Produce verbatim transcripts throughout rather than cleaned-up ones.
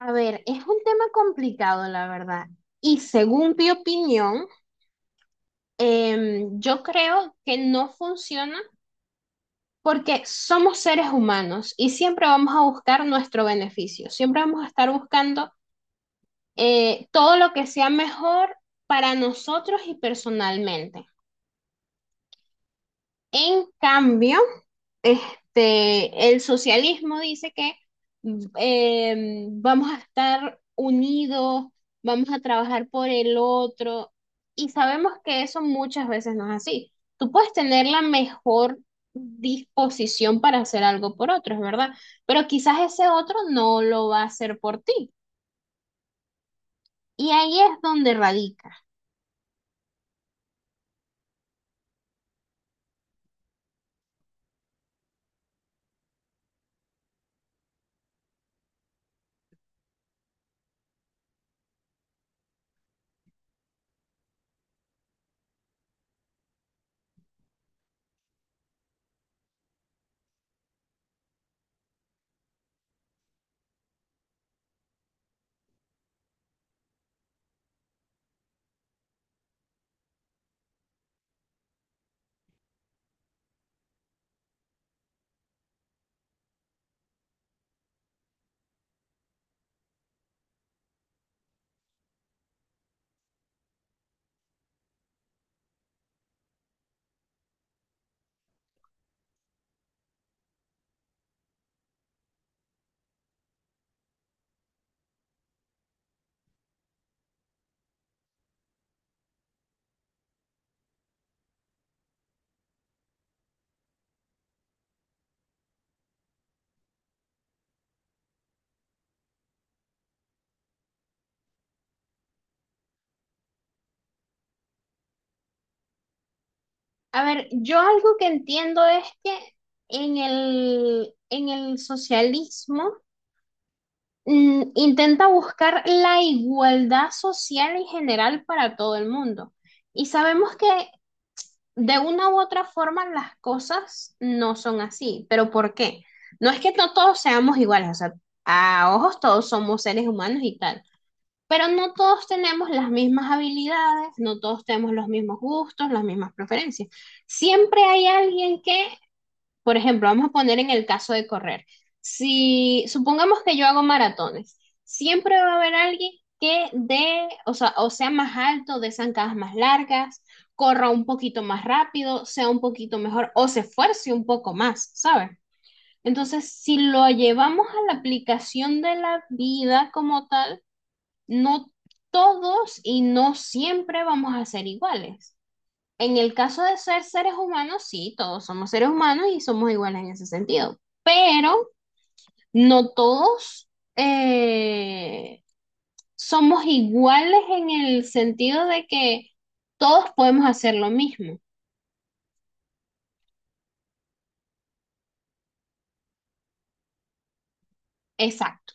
A ver, es un tema complicado, la verdad. Y según mi opinión, em, yo creo que no funciona porque somos seres humanos y siempre vamos a buscar nuestro beneficio. Siempre vamos a estar buscando eh, todo lo que sea mejor para nosotros y personalmente. En cambio, Este, el socialismo dice que mm, eh, vamos a estar unidos, vamos a trabajar por el otro, y sabemos que eso muchas veces no es así. Tú puedes tener la mejor disposición para hacer algo por otro, es verdad, pero quizás ese otro no lo va a hacer por ti. Y ahí es donde radica. A ver, yo algo que entiendo es que en el, en el socialismo, mm, intenta buscar la igualdad social en general para todo el mundo. Y sabemos que de una u otra forma las cosas no son así, pero ¿por qué? No es que no todos seamos iguales, o sea, a ojos todos somos seres humanos y tal, pero no todos tenemos las mismas habilidades, no todos tenemos los mismos gustos, las mismas preferencias. Siempre hay alguien que, por ejemplo, vamos a poner en el caso de correr. Si supongamos que yo hago maratones, siempre va a haber alguien que dé, o sea, o sea más alto, dé zancadas más largas, corra un poquito más rápido, sea un poquito mejor o se esfuerce un poco más, ¿sabes? Entonces, si lo llevamos a la aplicación de la vida como tal, no todos y no siempre vamos a ser iguales. En el caso de ser seres humanos, sí, todos somos seres humanos y somos iguales en ese sentido, pero no todos eh, somos iguales en el sentido de que todos podemos hacer lo mismo. Exacto.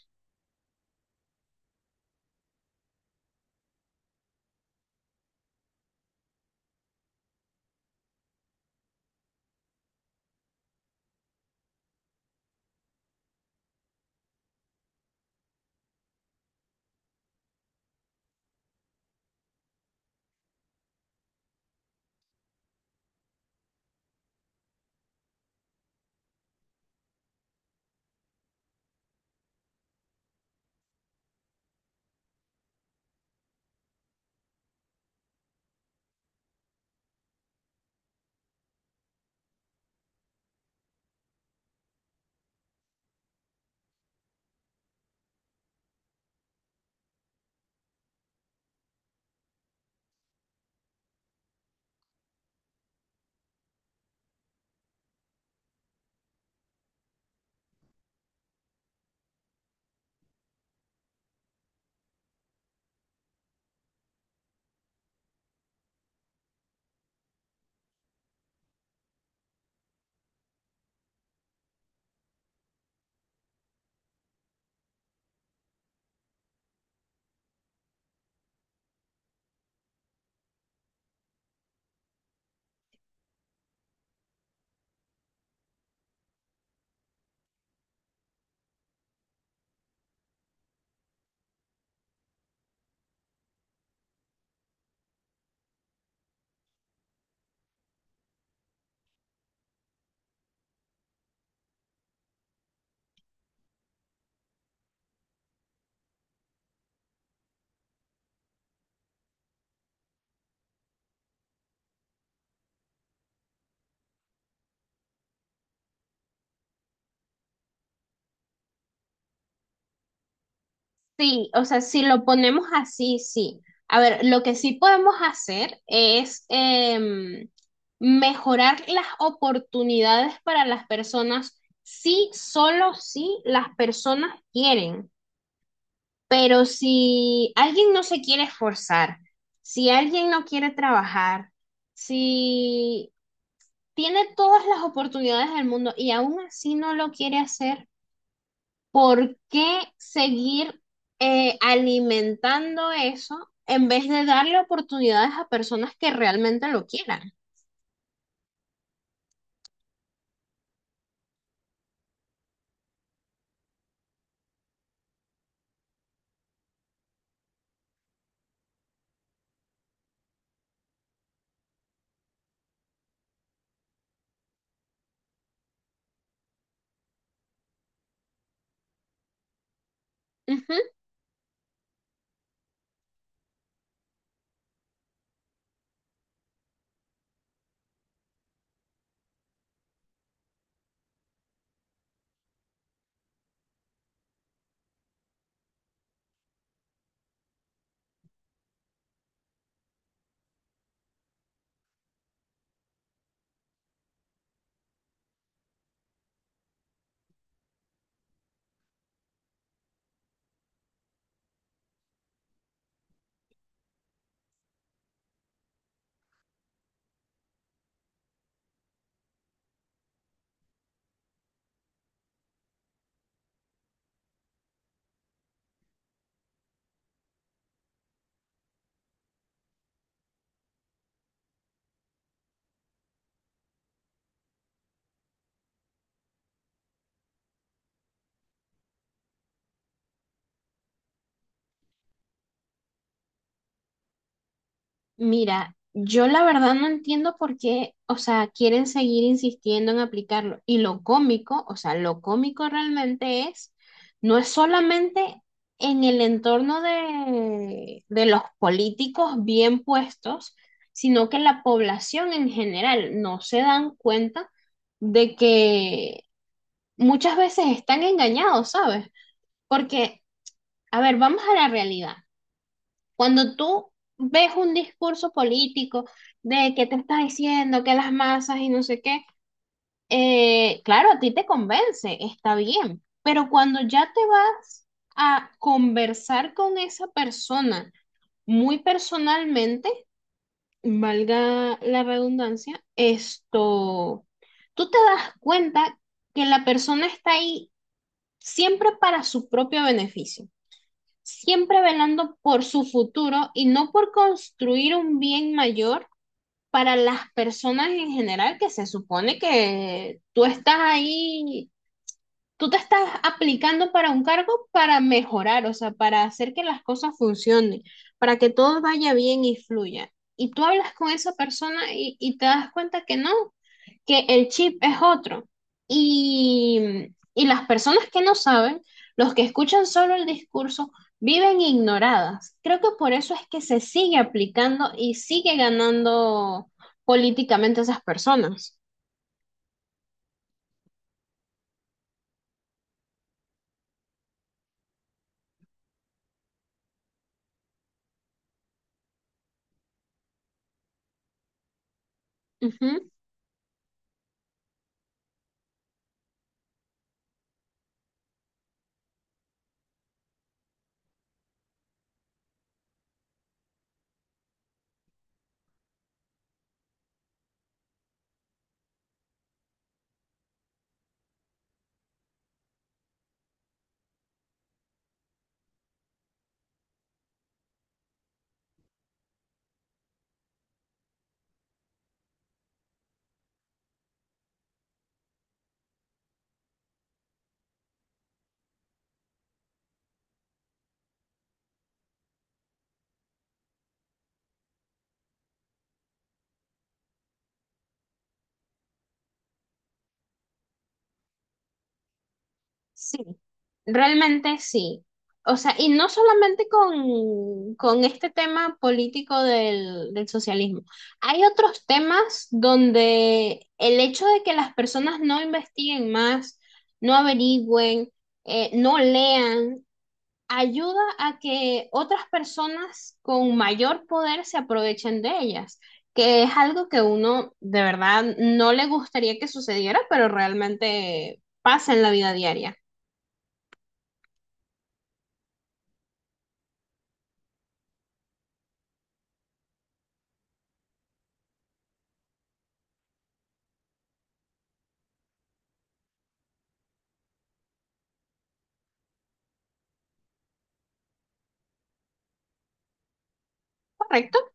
Sí, o sea, si lo ponemos así, sí. A ver, lo que sí podemos hacer es em, mejorar las oportunidades para las personas si, solo si las personas quieren. Pero si alguien no se quiere esforzar, si alguien no quiere trabajar, si tiene todas las oportunidades del mundo y aún así no lo quiere hacer, ¿por qué seguir eh, alimentando eso en vez de darle oportunidades a personas que realmente lo quieran? Ujú. Mira, yo la verdad no entiendo por qué, o sea, quieren seguir insistiendo en aplicarlo. Y lo cómico, o sea, lo cómico realmente es, no es solamente en el entorno de, de los políticos bien puestos, sino que la población en general no se dan cuenta de que muchas veces están engañados, ¿sabes? Porque, a ver, vamos a la realidad. Cuando tú ves un discurso político de que te está diciendo que las masas y no sé qué, eh, claro, a ti te convence, está bien, pero cuando ya te vas a conversar con esa persona muy personalmente, valga la redundancia, esto, tú te das cuenta que la persona está ahí siempre para su propio beneficio, siempre velando por su futuro y no por construir un bien mayor para las personas en general, que se supone que tú estás ahí, tú te estás aplicando para un cargo para mejorar, o sea, para hacer que las cosas funcionen, para que todo vaya bien y fluya. Y tú hablas con esa persona y, y te das cuenta que no, que el chip es otro. Y, y las personas que no saben, los que escuchan solo el discurso, viven ignoradas. Creo que por eso es que se sigue aplicando y sigue ganando políticamente esas personas. Ujú. Sí, realmente sí. O sea, y no solamente con, con este tema político del, del socialismo. Hay otros temas donde el hecho de que las personas no investiguen más, no averigüen, eh, no lean, ayuda a que otras personas con mayor poder se aprovechen de ellas, que es algo que uno de verdad no le gustaría que sucediera, pero realmente pasa en la vida diaria. ¿Correcto?